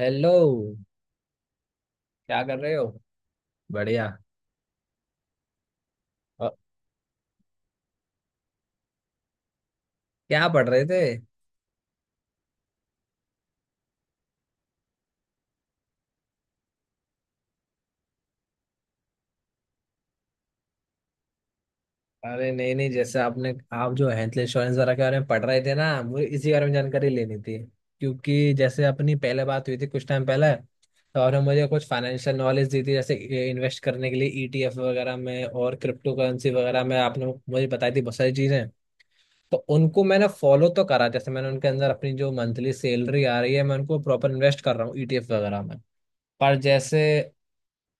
Hello. क्या कर रहे हो? बढ़िया। अ, क्या पढ़ रहे थे? अरे, नहीं नहीं, जैसे आपने आप जो हेल्थ इंश्योरेंस वगैरह के बारे में पढ़ रहे थे ना, मुझे इसी बारे में जानकारी लेनी थी। क्योंकि जैसे अपनी पहले बात हुई थी कुछ टाइम पहले, तो आपने मुझे कुछ फाइनेंशियल नॉलेज दी थी, जैसे इन्वेस्ट करने के लिए ईटीएफ वगैरह में और क्रिप्टो करेंसी वगैरह में, आपने मुझे बताई थी बहुत सारी चीज़ें। तो उनको मैंने फॉलो तो करा, जैसे मैंने उनके अंदर अपनी जो मंथली सैलरी आ रही है, मैं उनको प्रॉपर इन्वेस्ट कर रहा हूँ ईटीएफ वगैरह में। पर जैसे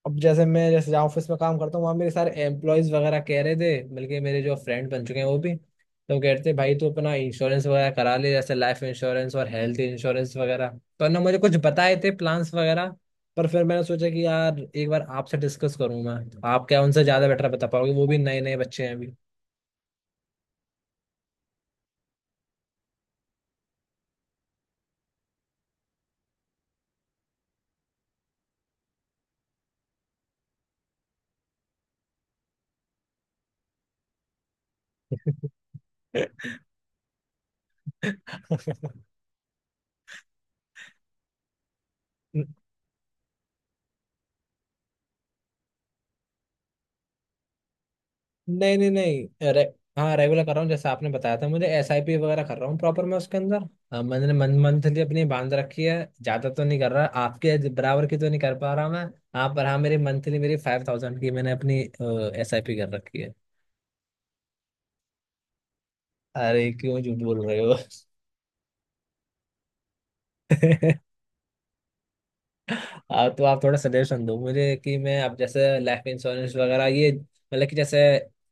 अब, जैसे मैं, जैसे जहाँ ऑफिस में काम करता हूँ, वहाँ मेरे सारे एम्प्लॉयज वगैरह कह रहे थे, बल्कि मेरे जो फ्रेंड बन चुके हैं वो भी तो कह रहे थे, भाई तू अपना इंश्योरेंस वगैरह करा ले, जैसे लाइफ इंश्योरेंस और हेल्थ इंश्योरेंस वगैरह, तो ना मुझे कुछ बताए थे प्लान्स वगैरह। पर फिर मैंने सोचा कि यार, एक बार आपसे डिस्कस करूँ मैं, तो आप क्या उनसे ज्यादा बेटर बता पाओगे, वो भी नए नए बच्चे हैं। अभी। नहीं नहीं नहीं रे। हाँ, रेगुलर कर रहा हूँ, जैसे आपने बताया था मुझे, एस आई पी वगैरह कर रहा हूँ प्रॉपर मैं उसके अंदर। मैंने मन मंथली अपनी बांध रखी है, ज्यादा तो नहीं कर रहा, आपके बराबर की तो नहीं कर पा रहा मैं। हाँ, पर हाँ मेरी मंथली, मेरी 5000 की मैंने अपनी एस आई पी कर रखी है। अरे क्यों झूठ बोल रहे हो। तो आप थोड़ा सजेशन दो मुझे कि मैं अब, जैसे लाइफ इंश्योरेंस वगैरह, ये मतलब कि जैसे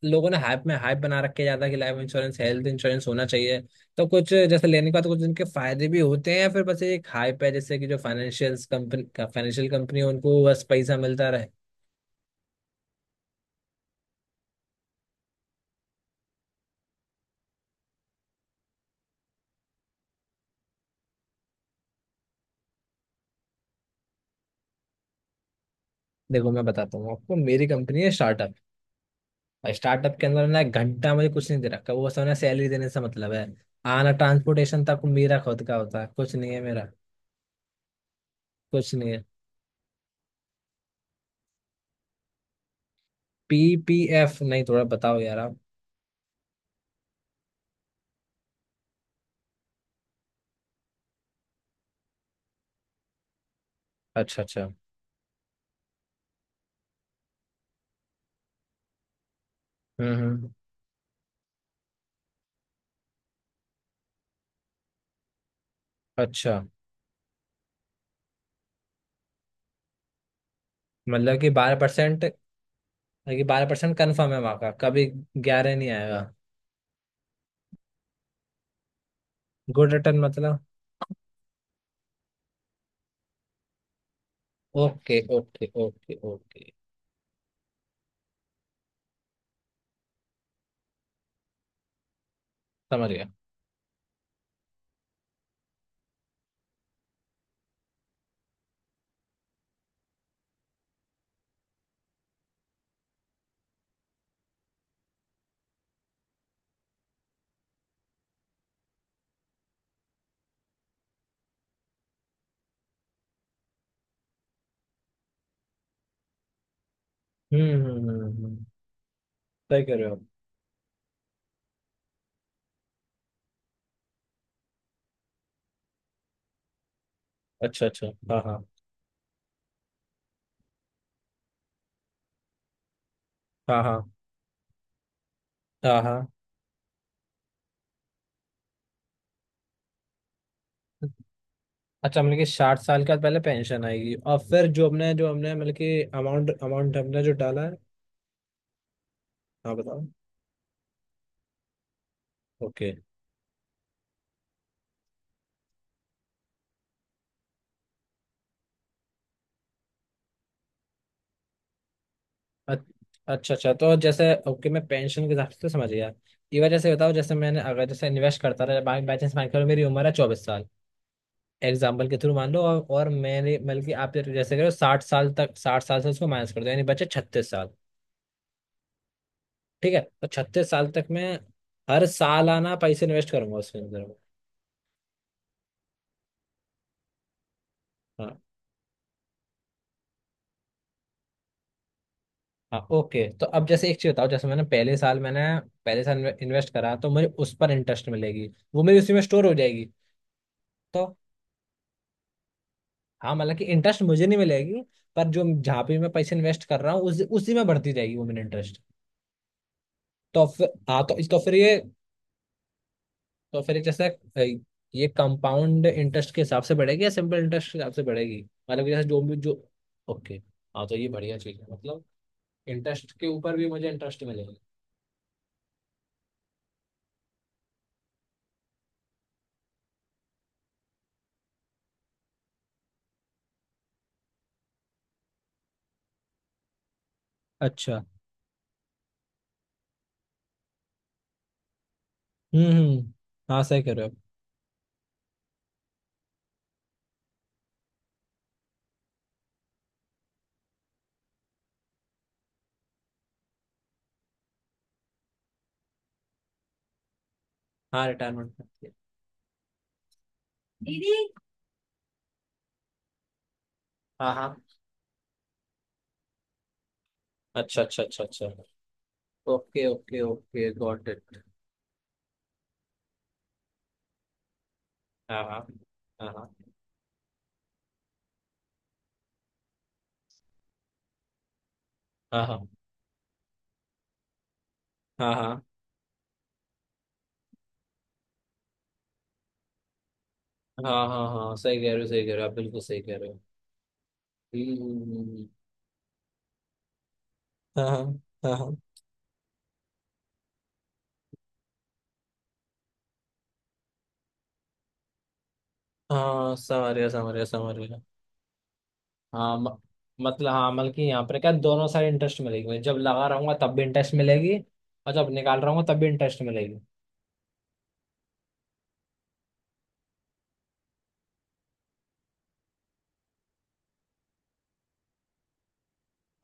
लोगों ने हाइप में हाइप बना रखे ज्यादा, कि लाइफ इंश्योरेंस, हेल्थ इंश्योरेंस होना चाहिए, तो कुछ जैसे लेने के बाद कुछ इनके फायदे भी होते हैं, या फिर बस ये एक हाइप है, जैसे कि जो फाइनेंशियल कंपनी, फाइनेंशियल कंपनी है उनको बस पैसा मिलता रहे। देखो, मैं बताता हूँ आपको, मेरी कंपनी है स्टार्टअप, और स्टार्टअप के अंदर ना, एक घंटा मुझे कुछ नहीं दे रखा, वो सब ना सैलरी देने से मतलब है, आना ट्रांसपोर्टेशन तक मेरा खुद का होता है, कुछ नहीं है मेरा। कुछ नहीं है। P P F? नहीं, थोड़ा बताओ यार आप। अच्छा अच्छा। हम्म। अच्छा, मतलब कि 12%? कि 12% कन्फर्म है वहाँ का, कभी 11 नहीं आएगा? गुड रिटर्न मतलब? ओके ओके ओके ओके, समझ गया। हम्म। सही कह रहे हो आप। अच्छा अच्छा। हाँ हाँ। हाँ हाँ। हाँ हाँ। अच्छा, मतलब कि 60 साल के बाद पहले पेंशन आएगी, और फिर जो हमने मतलब कि अमाउंट, अमाउंट हमने जो डाला है। हाँ बताओ। ओके। अच- अच्छा अच्छा, तो जैसे ओके, मैं पेंशन के हिसाब से तो समझ गया। ये वजह से बताओ, जैसे मैंने अगर, जैसे इन्वेस्ट करता रहा बाई चांस, मान के चलो मेरी उम्र है 24 साल, एग्जाम्पल के थ्रू मान लो, और मेरे, बल्कि आप जैसे करो, 60 साल तक, 60 साल से उसको माइनस कर दो, यानी बचे 36 साल। ठीक है, तो 36 साल तक मैं हर साल आना पैसे इन्वेस्ट करूंगा उसके अंदर। हाँ हाँ। ओके, तो अब जैसे एक चीज बताओ, जैसे मैंने पहले साल, मैंने पहले साल इन्वेस्ट करा, तो मुझे उस पर इंटरेस्ट मिलेगी, वो मेरी उसी में स्टोर हो जाएगी। तो। हाँ, मतलब कि इंटरेस्ट मुझे नहीं मिलेगी, पर जो, जहाँ पे मैं पैसे इन्वेस्ट कर रहा हूँ उस उसी में बढ़ती जाएगी वो मेरा इंटरेस्ट। तो फिर हाँ तो फिर ये। तो फिर जैसे ये कंपाउंड इंटरेस्ट के हिसाब से बढ़ेगी या सिंपल इंटरेस्ट के हिसाब से बढ़ेगी? मतलब कि जैसे जो भी जो। ओके। हाँ, तो ये बढ़िया चीज़ है, मतलब इंटरेस्ट के ऊपर भी मुझे इंटरेस्ट मिलेगा। अच्छा। हम्म। हाँ, सही कह रहे हो आप। हाँ, रिटायरमेंट। दीदी। हाँ हाँ। अच्छा अच्छा अच्छा अच्छा। Okay okay okay, got it. हाँ हाँ हाँ हाँ हाँ। हाँ हाँ। हाँ हाँ हाँ। हाँ, सही कह रहे हो, सही कह रहे हो आप, बिल्कुल सही कह रहे हो। हम्म हम्म हम्म। हाँ हाँ हाँ। हाँ, समझ गया समझ गया समझ गया। हाँ, मतलब, हाँ मतलब कि यहाँ पर क्या दोनों साइड इंटरेस्ट मिलेगी? मैं जब लगा रहूंगा तब भी इंटरेस्ट मिलेगी, और जब निकाल रहा हूँ तब भी इंटरेस्ट मिलेगी।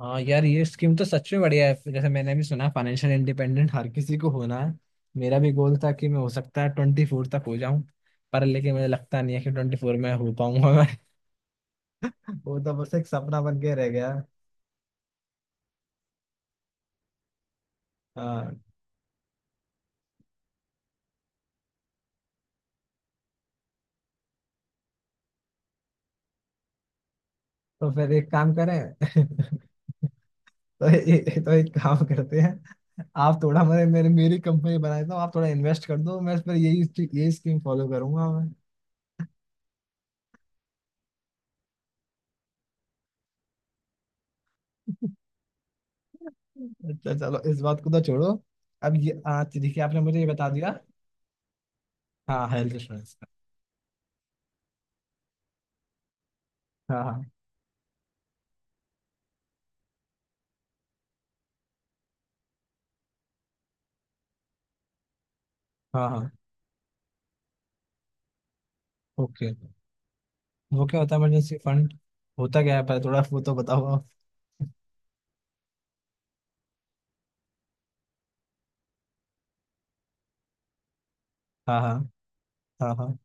हाँ यार, ये स्कीम तो सच में बढ़िया है, जैसे मैंने भी सुना, फाइनेंशियल इंडिपेंडेंट हर किसी को होना है। मेरा भी गोल था कि मैं हो सकता है 24 तक हो जाऊं, पर लेकिन मुझे लगता नहीं है कि 24 में हो पाऊंगा मैं। वो तो बस एक सपना बन के रह गया है। हाँ, तो फिर एक काम करें। तो एक काम करते हैं, आप थोड़ा मेरे मेरे मेरी कंपनी बना देता हूँ, आप थोड़ा इन्वेस्ट कर दो, मैं इस पर यही, स्कीम फॉलो करूंगा मैं। अच्छा चलो, इस बात को तो छोड़ो। अब ये हाँ, ठीक है, आपने मुझे ये बता दिया। हाँ, हेल्थ इंश्योरेंस का। हाँ हाँ हाँ हाँ। ओके। वो क्या होता है इमरजेंसी फंड? होता क्या है पर, थोड़ा वो तो बताओ आप। हाँ हाँ हाँ हाँ।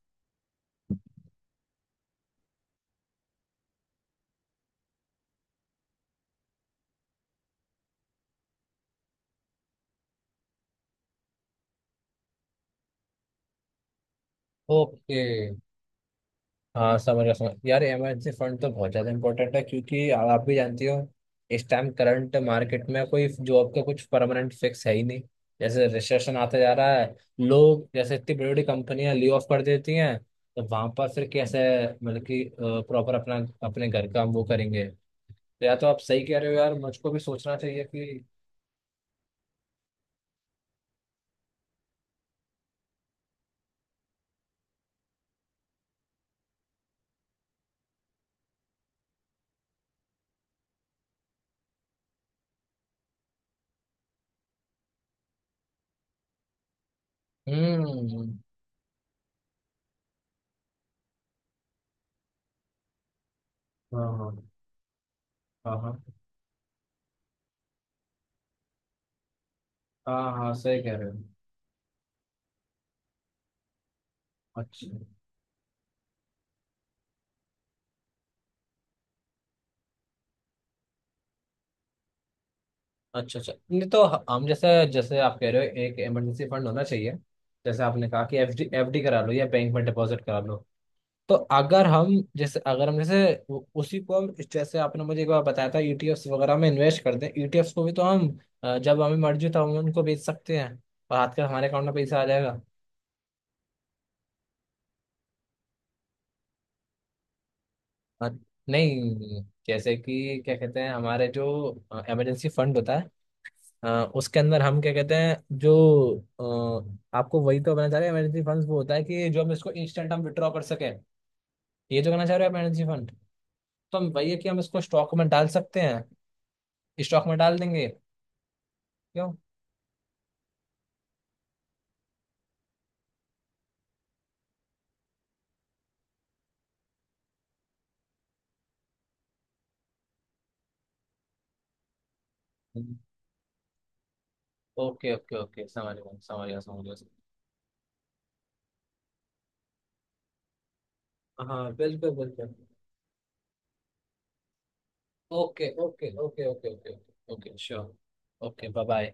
ओके। हाँ, समझ गया, समझ, यार इमरजेंसी फंड तो बहुत ज्यादा इंपॉर्टेंट है, क्योंकि आप भी जानती हो, इस टाइम करंट मार्केट में कोई जॉब का कुछ परमानेंट फिक्स है ही नहीं, जैसे रिसेशन आता जा रहा है। लोग, जैसे इतनी बड़ी बड़ी कंपनियां ले ऑफ कर देती हैं, तो वहां पर फिर कैसे, मतलब कि प्रॉपर अपना, अपने घर का हम वो करेंगे। तो या तो आप सही कह रहे हो यार, मुझको भी सोचना चाहिए कि। हम्म। हाँ हाँ हाँ हाँ हाँ हाँ, सही कह रहे हो। अच्छा अच्छा अच्छा, नहीं तो, हम जैसे, जैसे आप कह रहे हो, एक इमरजेंसी फंड होना चाहिए, जैसे आपने कहा कि एफडी, एफडी करा लो या बैंक में डिपॉजिट करा लो, तो अगर हम, जैसे अगर हम जैसे उसी को, हम जैसे, आपने मुझे एक बार बताया था ईटीएफ्स वगैरह में इन्वेस्ट कर दें, ईटीएफ्स को भी तो हम जब हमें मर्जी तो हम उनको बेच सकते हैं, और हाथ कर हमारे अकाउंट में पैसा आ जाएगा। अ, नहीं जैसे कि क्या कहते हैं, हमारे जो इमरजेंसी फंड होता है, अ, उसके अंदर हम क्या कहते हैं जो, आपको वही तो कहना चाह रहे हैं, इमरजेंसी फंड वो होता है कि जो हम इसको इंस्टेंट हम विड्रॉ कर सकें। ये जो कहना चाह रहे हो आप, इमरजेंसी फंड, तो हम वही है कि हम इसको स्टॉक में डाल सकते हैं, स्टॉक में डाल देंगे, क्यों? ओके ओके ओके, समझ गया समझ गया समझ गया। हाँ, बिल्कुल बिल्कुल। Okay okay okay okay okay. Okay sure. Okay, bye bye.